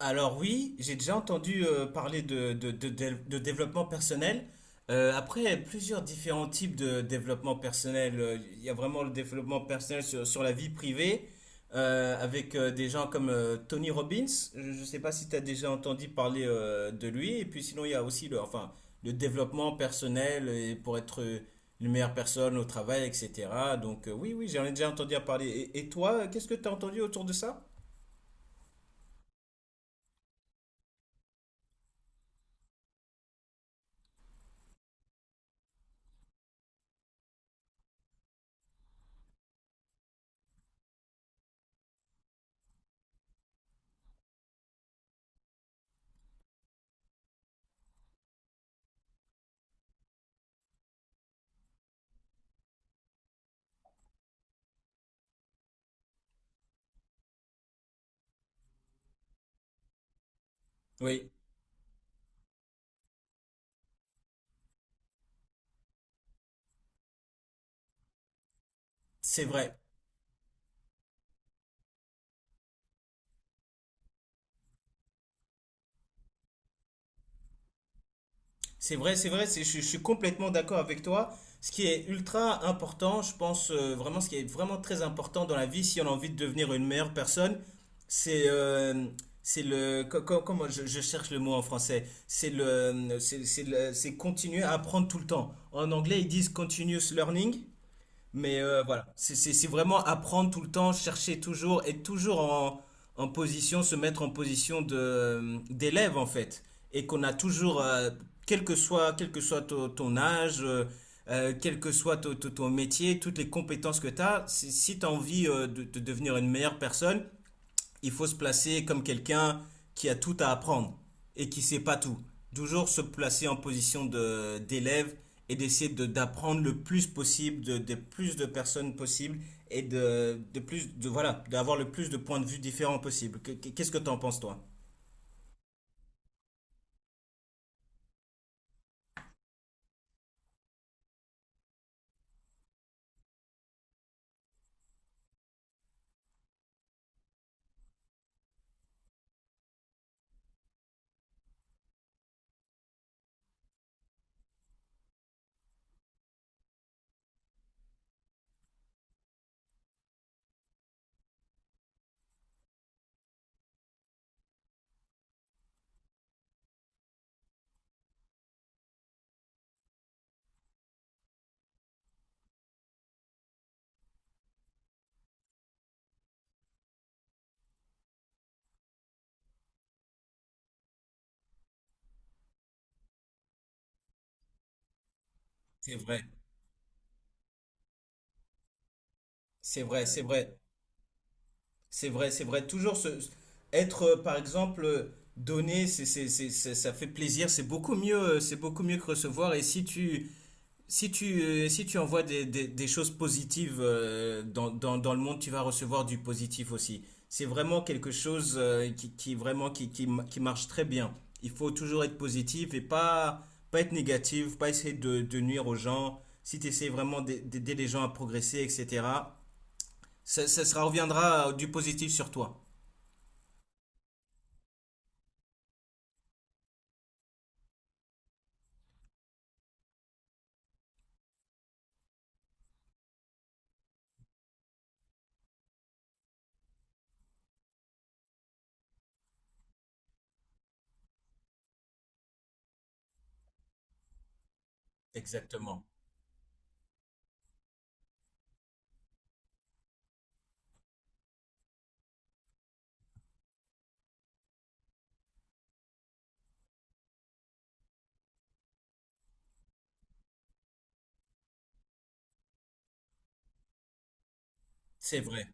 Alors oui, j'ai déjà entendu parler de développement personnel. Après, plusieurs différents types de développement personnel. Il y a vraiment le développement personnel sur la vie privée, avec des gens comme Tony Robbins. Je ne sais pas si tu as déjà entendu parler de lui. Et puis sinon, il y a aussi le développement personnel et pour être une meilleure personne au travail, etc. Donc oui, oui, j'en ai déjà entendu parler. Et toi, qu'est-ce que tu as entendu autour de ça? Oui, c'est vrai. C'est vrai, c'est vrai, je suis complètement d'accord avec toi. Ce qui est ultra important, je pense vraiment, ce qui est vraiment très important dans la vie, si on a envie de devenir une meilleure personne, c'est comment je cherche le mot en français, c'est continuer à apprendre tout le temps. En anglais, ils disent continuous learning. Mais voilà, c'est vraiment apprendre tout le temps, chercher toujours, être toujours en position, se mettre en position de d'élève en fait. Et qu'on a toujours, quel que soit ton âge, quel que soit ton métier, toutes les compétences que tu as, si, tu as envie de devenir une meilleure personne, il faut se placer comme quelqu'un qui a tout à apprendre et qui ne sait pas tout. Toujours se placer en position d'élève et d'essayer d'apprendre le plus possible de plus de personnes possibles et de plus de voilà d'avoir le plus de points de vue différents possible. Qu'est-ce que tu en penses toi? C'est vrai, c'est vrai, c'est vrai, c'est vrai, c'est vrai. Être, par exemple, donné, ça fait plaisir, c'est beaucoup mieux que recevoir. Si tu, si tu envoies des choses positives dans le monde, tu vas recevoir du positif aussi. C'est vraiment quelque chose qui, vraiment, qui marche très bien. Il faut toujours être positif et pas être négatif, pas essayer de nuire aux gens. Si tu essaies vraiment d'aider les gens à progresser, etc., ça reviendra du positif sur toi. Exactement. C'est vrai.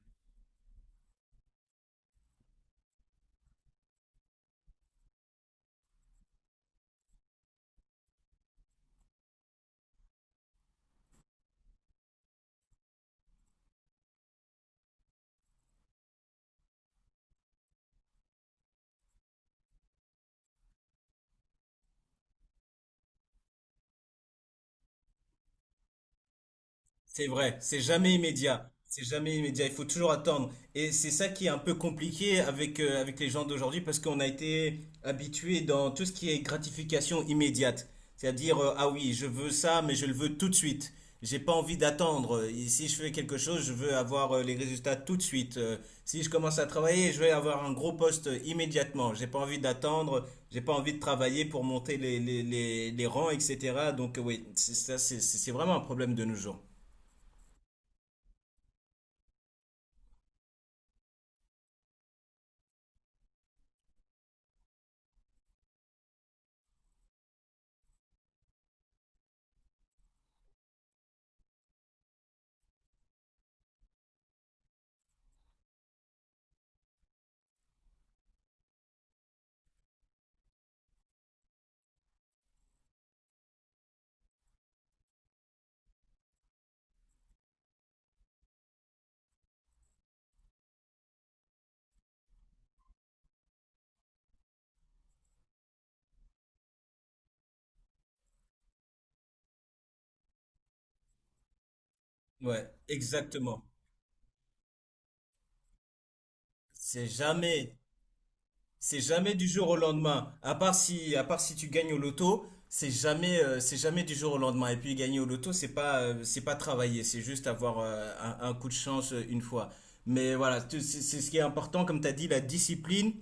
C'est vrai, c'est jamais immédiat. C'est jamais immédiat, il faut toujours attendre. Et c'est ça qui est un peu compliqué avec, avec les gens d'aujourd'hui parce qu'on a été habitué dans tout ce qui est gratification immédiate. C'est-à-dire, ah oui, je veux ça, mais je le veux tout de suite. J'ai pas envie d'attendre. Et si je fais quelque chose, je veux avoir les résultats tout de suite. Si je commence à travailler, je veux avoir un gros poste immédiatement. J'ai pas envie d'attendre, j'ai pas envie de travailler pour monter les rangs, etc. Donc, oui, c'est ça, c'est vraiment un problème de nos jours. Ouais, exactement. C'est jamais, C'est jamais du jour au lendemain. À part si tu gagnes au loto, c'est jamais du jour au lendemain. Et puis gagner au loto, c'est pas travailler, c'est juste avoir un coup de chance une fois. Mais voilà, c'est ce qui est important, comme tu as dit, la discipline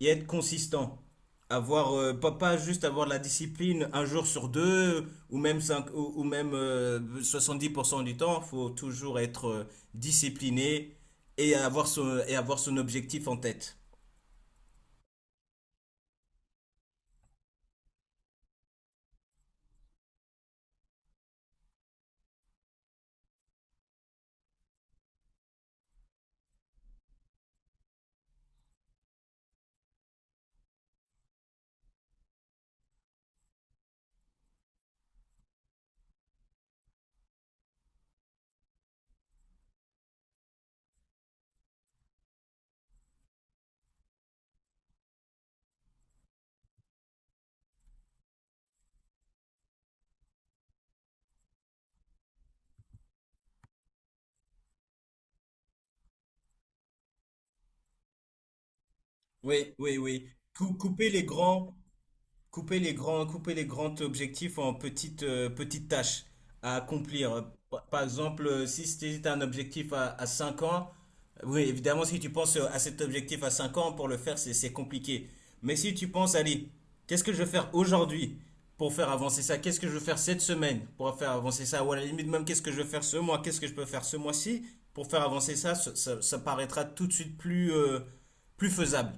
et être consistant. Avoir, pas juste avoir de la discipline un jour sur deux ou même, cinq, ou même 70% du temps. Faut toujours être discipliné et avoir et avoir son objectif en tête. Oui, oui, oui. Cou- Couper les grands, couper les grands objectifs en petites, petites tâches à accomplir. Par exemple, si c'était un objectif à 5 ans, oui, évidemment, si tu penses à cet objectif à 5 ans, pour le faire, c'est compliqué. Mais si tu penses, allez, qu'est-ce que je vais faire aujourd'hui pour faire avancer ça? Qu'est-ce que je vais faire cette semaine pour faire avancer ça? Ou à la limite même, qu'est-ce que je vais faire ce mois? Qu'est-ce que je peux faire ce mois-ci pour faire avancer ça? Ça paraîtra tout de suite plus, plus faisable.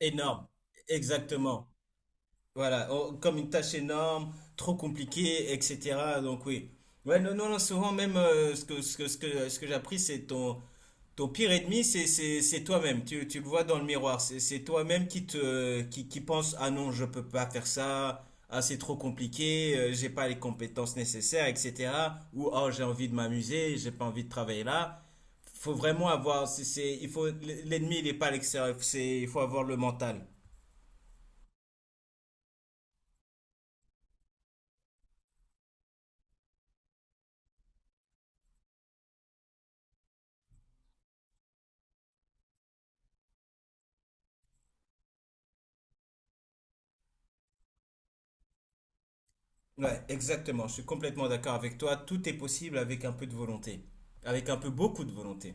Énorme, exactement. Voilà, oh, comme une tâche énorme, trop compliquée, etc. Donc oui. Ouais, non, non, non, souvent même ce que, ce que, ce que, ce que j'ai appris, c'est ton, ton pire ennemi, c'est toi-même. Tu le vois dans le miroir. C'est toi-même qui pense, ah non, je peux pas faire ça. Ah, c'est trop compliqué, j'ai pas les compétences nécessaires, etc. Ou, oh, j'ai envie de m'amuser, j'ai pas envie de travailler là. Faut vraiment avoir, c'est- il faut, l'ennemi, il est pas à l'extérieur, il faut avoir le mental. Ouais, exactement. Je suis complètement d'accord avec toi. Tout est possible avec un peu de volonté. Avec un peu beaucoup de volonté.